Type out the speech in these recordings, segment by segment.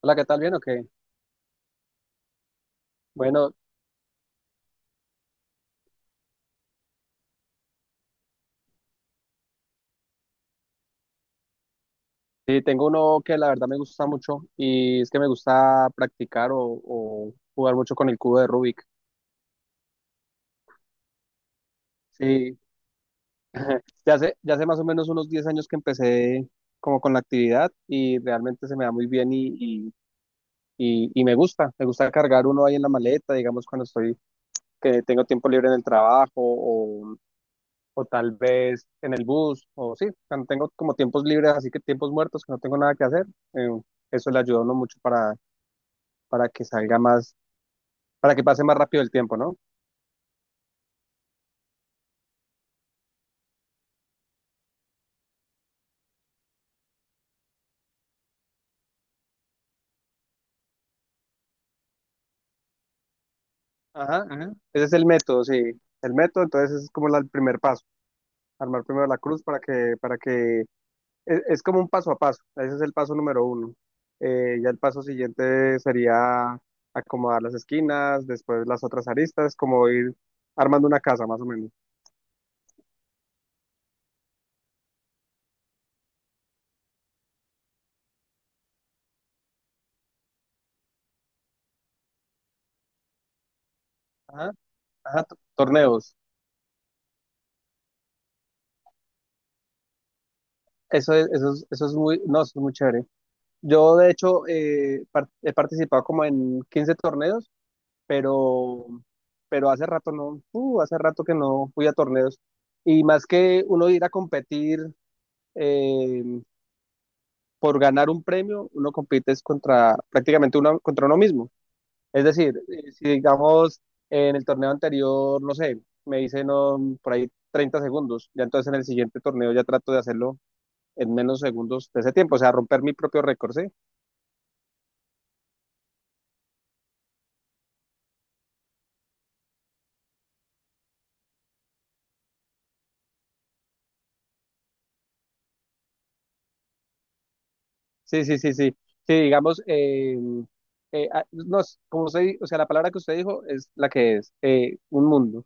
Hola, ¿qué tal? ¿Bien o qué? Bueno, sí, tengo uno que la verdad me gusta mucho y es que me gusta practicar o jugar mucho con el cubo de Rubik. Sí, ya hace más o menos unos 10 años que empecé como con la actividad y realmente se me da muy bien y me gusta. Me gusta cargar uno ahí en la maleta, digamos, cuando estoy, que tengo tiempo libre en el trabajo o tal vez en el bus o sí, cuando tengo como tiempos libres, así que tiempos muertos que no tengo nada que hacer. eh, Eso le ayuda a uno mucho para que salga más, para que pase más rápido el tiempo, ¿no? Ajá, ajá. Ese es el método, sí. El método, entonces ese es como el primer paso. Armar primero la cruz es como un paso a paso. Ese es el paso número uno. Ya el paso siguiente sería acomodar las esquinas, después las otras aristas, como ir armando una casa, más o menos. Ajá, ajá. Torneos. Eso es muy, no, eso es muy chévere. Yo, de hecho, he participado como en 15 torneos pero, pero hace rato no, hace rato que no fui a torneos. Y más que uno ir a competir eh, por ganar un premio, uno compite es contra prácticamente uno, contra uno mismo. Es decir, si digamos en el torneo anterior, no sé, me hice no, por ahí 30 segundos, ya entonces en el siguiente torneo ya trato de hacerlo en menos segundos de ese tiempo, o sea, romper mi propio récord, ¿sí? Sí, sí, sí, sí. Sí, digamos, no, como usted, o sea, la palabra que usted dijo es la que es, un mundo,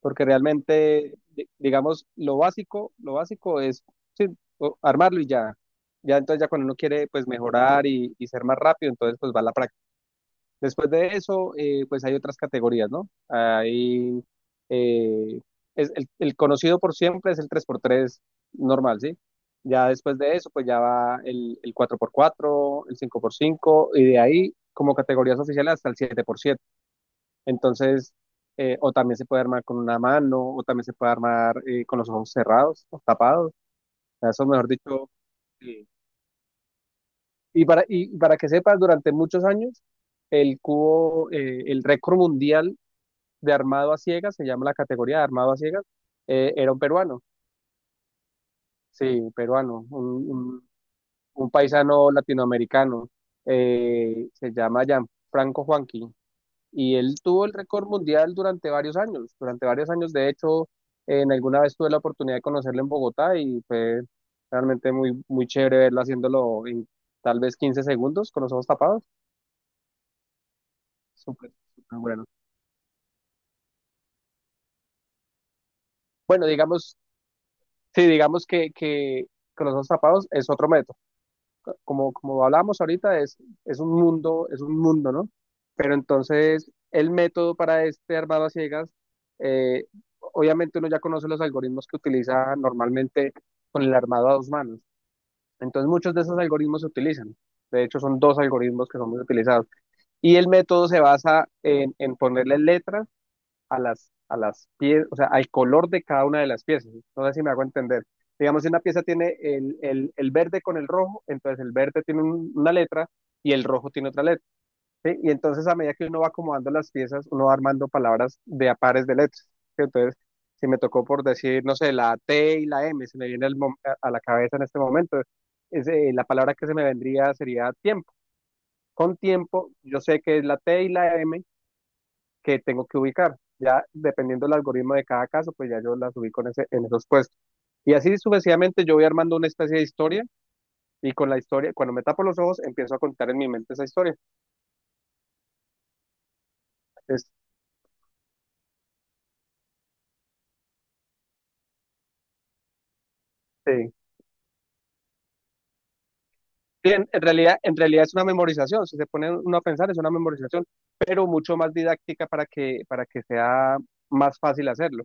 porque realmente, digamos, lo básico es sí, armarlo y ya. Ya entonces ya cuando uno quiere pues mejorar y ser más rápido, entonces pues va la práctica. Después de eso, pues hay otras categorías, ¿no? Hay, eh, es el, conocido por siempre es el 3x3 normal, ¿sí? Ya después de eso, pues ya va el, 4x4, el 5x5 y de ahí, como categorías oficiales, hasta el 7x7. Entonces, o también se puede armar con una mano, o también se puede armar con los ojos cerrados, o tapados. O sea, eso, mejor dicho. eh, y, y para que sepas, durante muchos años, el cubo, el récord mundial de armado a ciegas, se llama la categoría de armado a ciegas, era un peruano, sí, peruano, un paisano latinoamericano, se llama Gianfranco Juanqui, y él tuvo el récord mundial durante varios años, de hecho, en alguna vez tuve la oportunidad de conocerlo en Bogotá y fue realmente muy, muy chévere verlo haciéndolo en tal vez 15 segundos con los ojos tapados, súper, súper bueno. Bueno, digamos, sí, digamos que con los ojos tapados es otro método como, como hablábamos ahorita, es un mundo, es un mundo, ¿no? Pero entonces el método para este armado a ciegas, eh, obviamente uno ya conoce los algoritmos que utiliza normalmente con el armado a dos manos. Entonces muchos de esos algoritmos se utilizan. De hecho, son dos algoritmos que son muy utilizados. Y el método se basa en, ponerle letras a las, piezas, o sea, al color de cada una de las piezas. No sé si me hago entender. Digamos, si una pieza tiene el verde con el rojo, entonces el verde tiene una letra y el rojo tiene otra letra, ¿sí? Y entonces a medida que uno va acomodando las piezas, uno va armando palabras de a pares de letras, ¿sí? Entonces, si me tocó por decir, no sé, la T y la M, se me viene a la cabeza en este momento, la palabra que se me vendría sería tiempo. Con tiempo, yo sé que es la T y la M, que tengo que ubicar. Ya dependiendo del algoritmo de cada caso, pues ya yo las ubico en, ese, en esos puestos. Y así sucesivamente yo voy armando una especie de historia y con la historia, cuando me tapo los ojos, empiezo a contar en mi mente esa historia. Este, bien, en realidad es una memorización, si se pone uno a pensar es una memorización, pero mucho más didáctica para que sea más fácil hacerlo.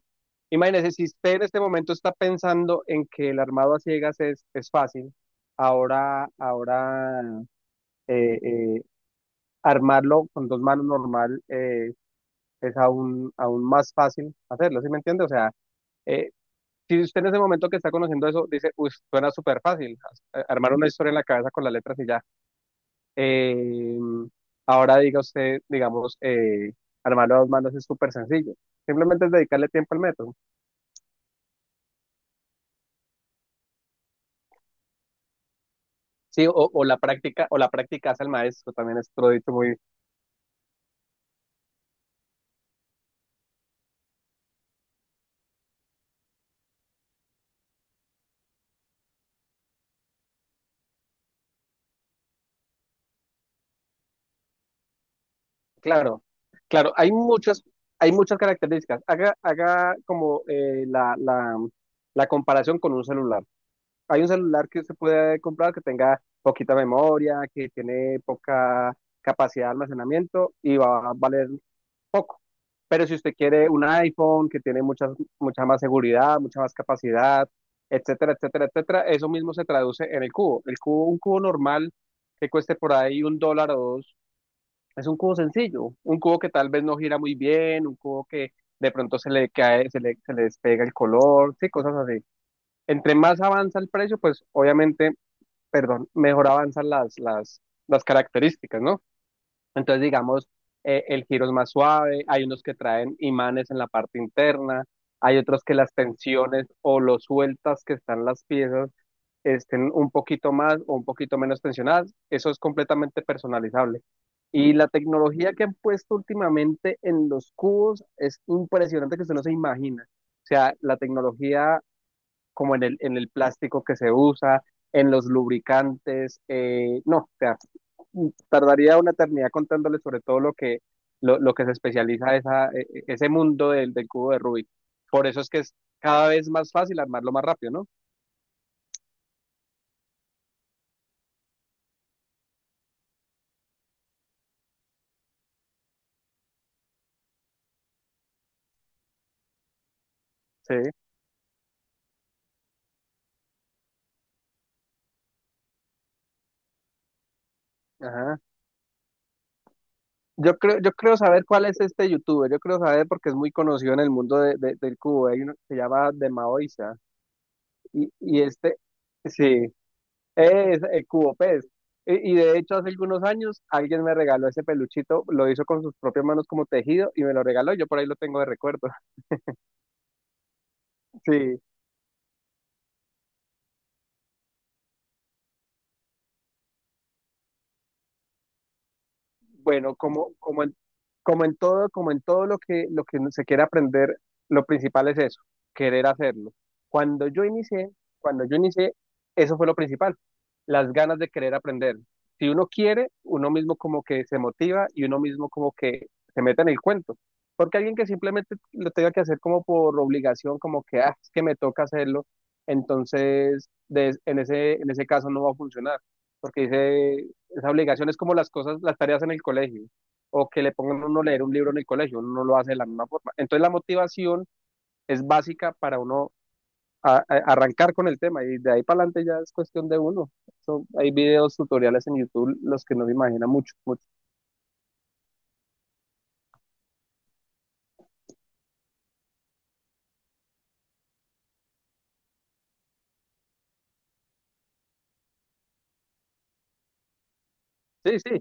Imagínese, si usted en este momento está pensando en que el armado a ciegas es fácil, ahora, ahora eh, eh, armarlo con dos manos normal, es aún, aún más fácil hacerlo, ¿sí me entiende? O sea, eh, si usted en ese momento que está conociendo eso dice, uy, suena súper fácil, armar una historia en la cabeza con las letras y ya. Eh, Ahora diga usted, digamos, armarlo a dos manos es súper sencillo. Simplemente es dedicarle tiempo al método. Sí, o la práctica hace al maestro, también es otro dicho muy, Claro, claro, hay muchas características. Haga como la comparación con un celular. Hay un celular que se puede comprar que tenga poquita memoria, que tiene poca capacidad de almacenamiento y va a valer poco. Pero si usted quiere un iPhone que tiene mucha, mucha más seguridad, mucha más capacidad, etcétera, etcétera, etcétera, eso mismo se traduce en el cubo. El cubo, un cubo normal que cueste por ahí $1 o dos, es un cubo sencillo, un cubo que tal vez no gira muy bien, un cubo que de pronto se le cae, se le despega el color, sí, cosas así. Entre más avanza el precio, pues obviamente, perdón, mejor avanzan las, las características, ¿no? Entonces, digamos, el giro es más suave, hay unos que traen imanes en la parte interna, hay otros que las tensiones o lo sueltas que están las piezas estén un poquito más o un poquito menos tensionadas. Eso es completamente personalizable. Y la tecnología que han puesto últimamente en los cubos es impresionante que usted no se imagina. O sea, la tecnología como en el, plástico que se usa, en los lubricantes, no, o sea, tardaría una eternidad contándole sobre todo lo que se especializa ese mundo del cubo de Rubik. Por eso es que es cada vez más fácil armarlo más rápido, ¿no? Sí. Ajá. Yo creo saber cuál es este youtuber, yo creo saber porque es muy conocido en el mundo del cubo, hay uno que se llama The Maoisa, y este, sí, es el cubo pez, y de hecho hace algunos años alguien me regaló ese peluchito, lo hizo con sus propias manos como tejido, y me lo regaló, y yo por ahí lo tengo de recuerdo, sí. Bueno, como, como en, como en todo lo que se quiere aprender, lo principal es eso, querer hacerlo. Cuando yo inicié, cuando yo inicié, eso fue lo principal, las ganas de querer aprender. Si uno quiere, uno mismo como que se motiva y uno mismo como que se mete en el cuento. Porque alguien que simplemente lo tenga que hacer como por obligación, como que, ah, es que me toca hacerlo, entonces en ese, caso no va a funcionar. Porque dice, esa obligación es como las cosas, las tareas en el colegio, o que le pongan a uno a leer un libro en el colegio, uno no lo hace de la misma forma. Entonces la motivación es básica para uno arrancar con el tema y de ahí para adelante ya es cuestión de uno. Hay videos, tutoriales en YouTube, los que no se imaginan mucho, mucho. Sí, sí,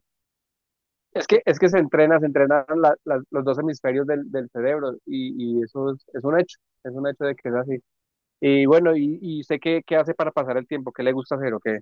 es que se entrena, se entrenan los dos hemisferios del cerebro y eso es un hecho, es un hecho de que es así. Y bueno, y usted qué hace para pasar el tiempo, qué le gusta hacer o qué.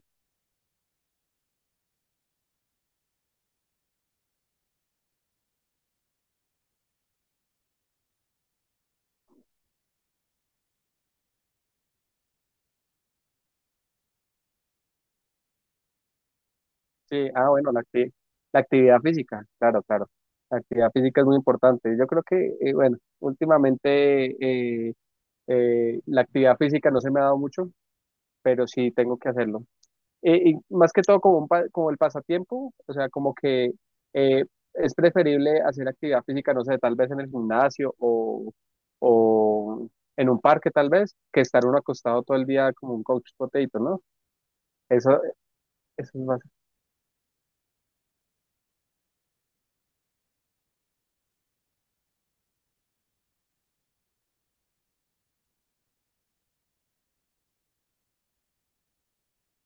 Sí, ah, bueno, la actividad física, claro, claro. La actividad física es muy importante. Yo creo que, bueno, últimamente eh, la actividad física no se me ha dado mucho, pero sí tengo que hacerlo. Y más que todo como el pasatiempo, o sea, como que eh, es preferible hacer actividad física, no sé, tal vez en el gimnasio o en un parque tal vez, que estar uno acostado todo el día como un couch potato, ¿no? Eso, eso es.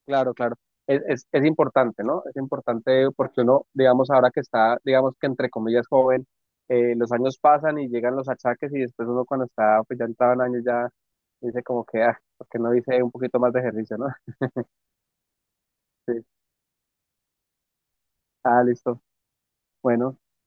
Claro, claro. Es importante, ¿no? Es importante porque uno, digamos, ahora que está, digamos que entre comillas joven, los años pasan y llegan los achaques y después uno cuando está, pues ya entrado en años ya dice como que, ah, ¿por qué no hice un poquito más de ejercicio, ¿no? Sí. Ah, listo. Bueno.